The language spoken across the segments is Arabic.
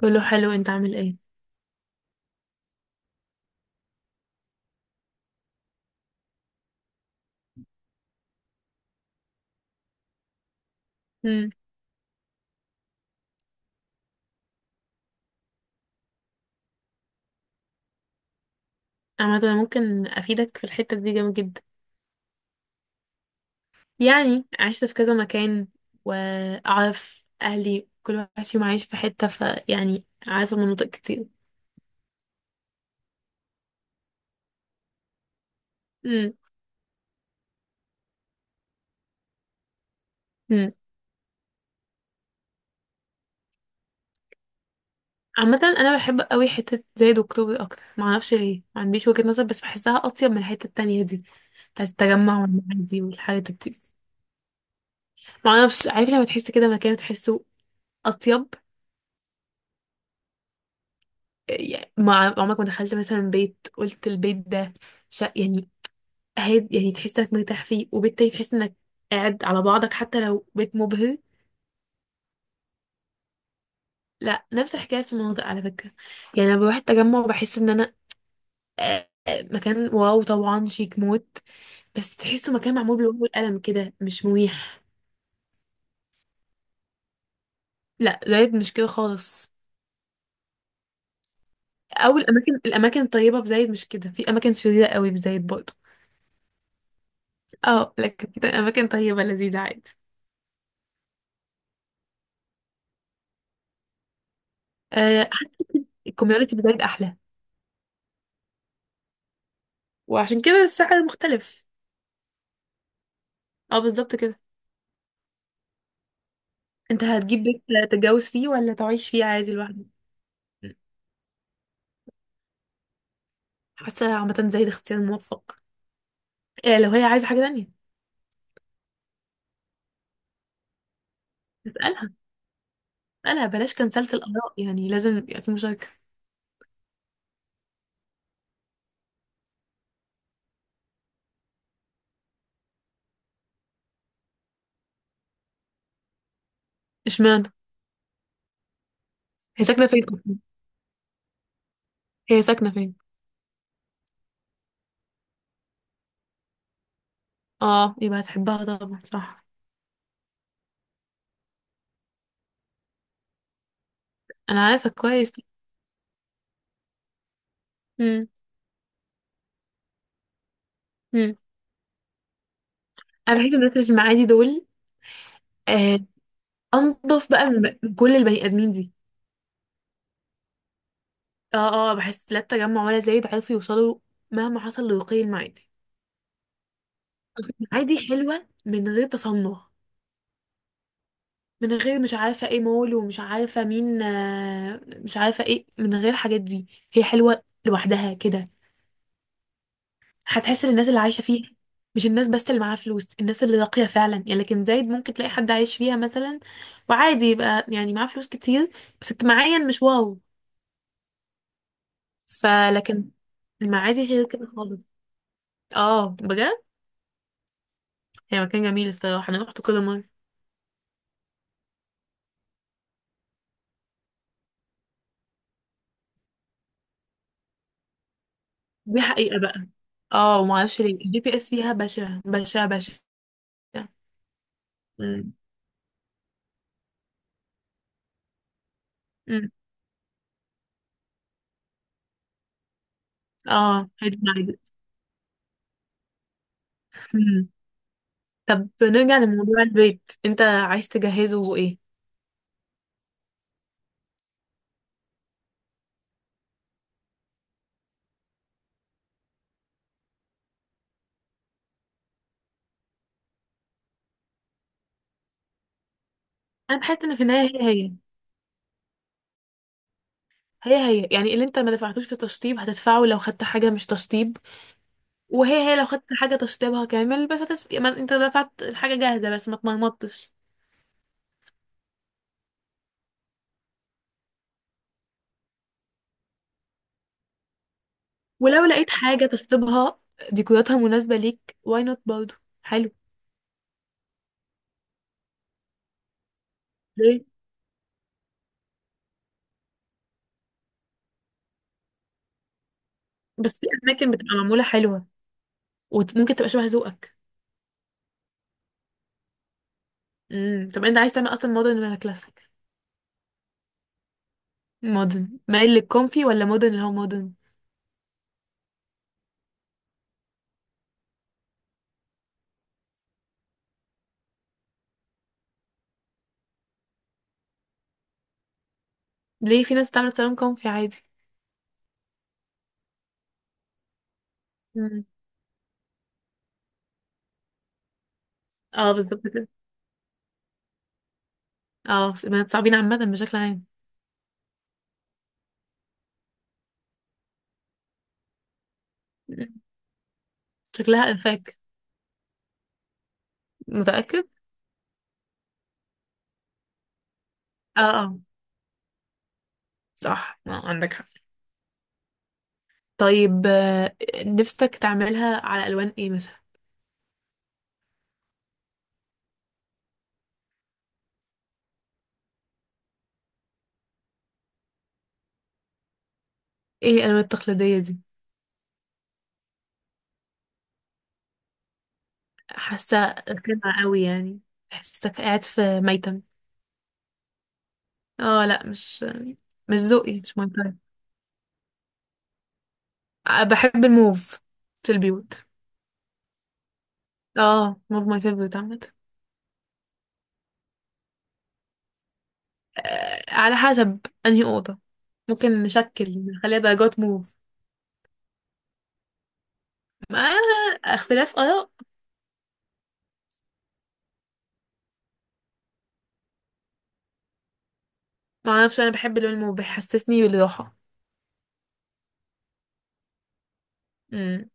كله حلو. انت عامل ايه؟ امم. عامة انا ممكن افيدك في الحتة دي جامد جدا. يعني عشت في كذا مكان واعرف اهلي كل واحد فيهم عايش في حتة، فيعني عارفة مناطق كتير. امم. امم. عامة انا بحب قوي حتة زايد واكتوبر اكتر، معرفش ليه، ما عنديش وجهة نظر بس بحسها اطيب من الحتة التانية دي بتاعت التجمع والمعادي والحاجات دي. معرفش، عارف لما تحس كده مكان وتحسه اطيب؟ يعني ما عمرك ما دخلت مثلا بيت قلت البيت ده شا يعني هادي، يعني تحس انك مرتاح فيه وبالتالي تحس انك قاعد على بعضك حتى لو بيت مبهر. لا، نفس الحكايه في المناطق على فكره. يعني انا بروح التجمع بحس ان انا مكان واو طبعا، شيك موت، بس تحسه مكان معمول بالورق والقلم كده، مش مريح. لا زايد مش كده خالص، او الاماكن الطيبه في زايد مش كده، في اماكن شريره قوي في زايد برضه. اه لكن في اماكن طيبه لذيذه عادي. حاسه الكوميونتي في زايد احلى وعشان كده السعر مختلف. اه بالظبط كده. انت هتجيب بيت تتجوز فيه ولا تعيش فيه عادي لوحدك؟ حاسه عامه زي ده اختيار موفق. إيه لو هي عايزه حاجه تانية؟ اسالها. اسالها، بلاش كنسلت الاراء، يعني لازم يبقى في مشاركه. اشمعنى؟ هي ساكنه فين اصلا؟ هي ساكنه فين؟ اه، يبقى هتحبها طبعا، صح. انا عارفه كويس. امم. امم. انا بحس الناس اللي معادي دول آه، انضف بقى من كل البني ادمين دي. اه اه، بحس لا التجمع ولا زايد عرفوا يوصلوا مهما حصل لرقي المعادي. المعادي حلوه من غير تصنع، من غير مش عارفة ايه مول، ومش عارفة مين مش عارفة ايه، من غير الحاجات دي هي حلوة لوحدها كده. هتحس الناس اللي عايشة فيها، مش الناس بس اللي معاها فلوس، الناس اللي راقية فعلا يعني، لكن زايد ممكن تلاقي حد عايش فيها مثلا وعادي يبقى يعني معاه فلوس كتير بس اجتماعيا مش واو. فلكن المعادي غير كده خالص. اه بجد، هي مكان جميل الصراحة، انا رحت كل مرة. دي حقيقة بقى. اه، ومعرفش ليه الجي بي اس فيها بشع بشع بشع. مم. اه هيد جايدد. طب نرجع لموضوع البيت، انت عايز تجهزه ايه؟ انا بحس ان في النهايه هي هي هي يعني اللي انت ما دفعتوش في تشطيب هتدفعه لو خدت حاجه مش تشطيب، وهي لو خدت حاجه تشطيبها كامل بس ما انت دفعت الحاجه جاهزه بس ما اتمرمطتش. ولو لقيت حاجه تشطيبها ديكوراتها مناسبه ليك، واي نوت، برضه حلو. ليه؟ بس في اماكن بتبقى معموله حلوه وممكن تبقى شبه ذوقك. امم. طب انت عايز تعمل اصلا مودرن ولا كلاسيك؟ مودرن مايل للكونفي ولا مودرن اللي هو مودرن؟ ليه؟ في ناس بتعمل صالون كونفي عادي. مم. اه بالظبط كده. اه، بنات صعبين عامة بشكل عام. مم. شكلها انفاك. متأكد؟ اه اه، صح، آه عندك حق. طيب، نفسك تعملها على الوان ايه مثلا؟ ايه الالوان التقليدية دي؟ حاسة قمع قوي يعني. حاسك قاعد في ميتم. اه لا، مش ذوقي، مش ماي تايب. بحب الموف في البيوت. اه، موف ماي فيفورت عامة. على حسب انهي اوضه، ممكن نشكل نخليها درجات موف. ما، اختلاف اراء. ما اعرفش، انا بحب اللون الموف، بيحسسني بالراحه. امم.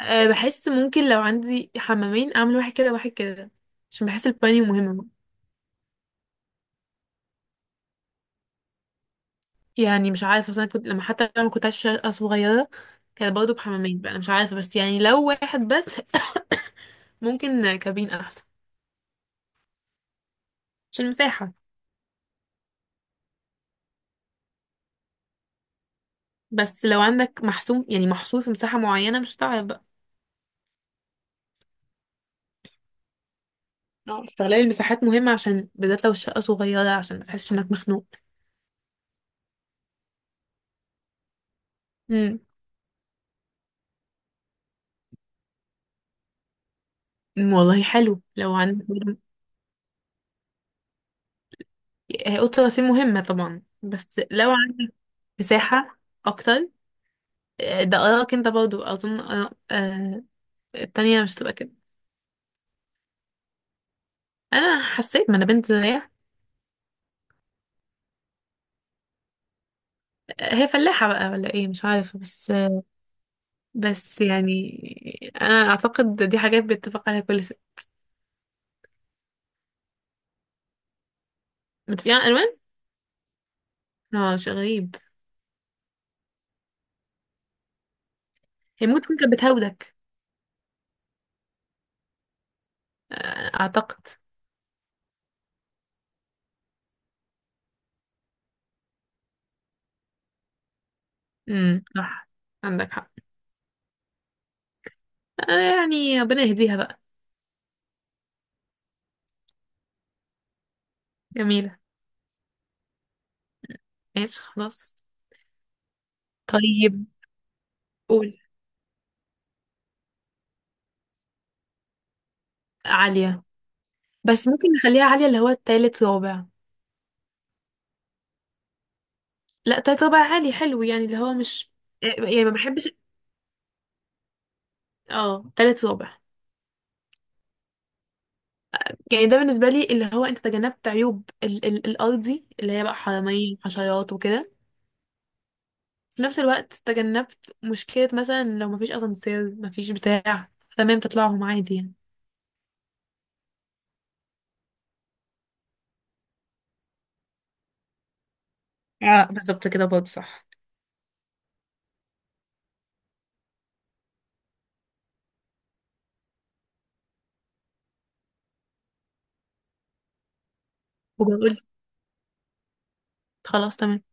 أه، بحس ممكن لو عندي حمامين اعمل واحد كده وواحد كده، عشان بحس البانيو مهمه. يعني مش عارفه اصلا، كنت لما كنت عايشه صغيره كان برضه بحمامين، بقى انا مش عارفه، بس يعني لو واحد بس ممكن كابين احسن عشان المساحه. بس لو عندك محسوم، يعني محصور في مساحه معينه، مش هتعرف بقى. اه، استغلال المساحات مهم، عشان بالذات لو الشقة صغيرة عشان ما تحسش انك مخنوق. امم. والله حلو لو عندك برضه- هي اوضة الغسيل مهمة طبعا، بس لو عندك مساحة اكتر. ده ارائك انت برضو اظن، آراء التانية مش تبقى كده. انا حسيت، ما انا بنت زيها. هي فلاحة بقى ولا ايه، مش عارفة، بس بس يعني انا اعتقد دي حاجات بيتفق عليها كل ست. متفقين على الالوان، اه شيء غريب. هي ممكن تكون كانت بتهودك، اعتقد. امم، صح، عندك حق. آه يعني ربنا يهديها بقى. جميلة. ماشي، خلاص. طيب، قول. عالية. بس ممكن نخليها عالية اللي هو التالت رابع. لا، تالت رابع عالي حلو، يعني اللي هو مش يعني ما بحبش. اه، تالت رابع. يعني ده بالنسبة لي، اللي هو انت تجنبت عيوب ال الأرضي اللي هي بقى حرامية، حشرات، وكده. في نفس الوقت تجنبت مشكلة مثلا لو مفيش أسانسير مفيش بتاع، تمام تطلعهم عادي يعني. اه بالظبط كده برضه صح. وبقول، خلاص تمام.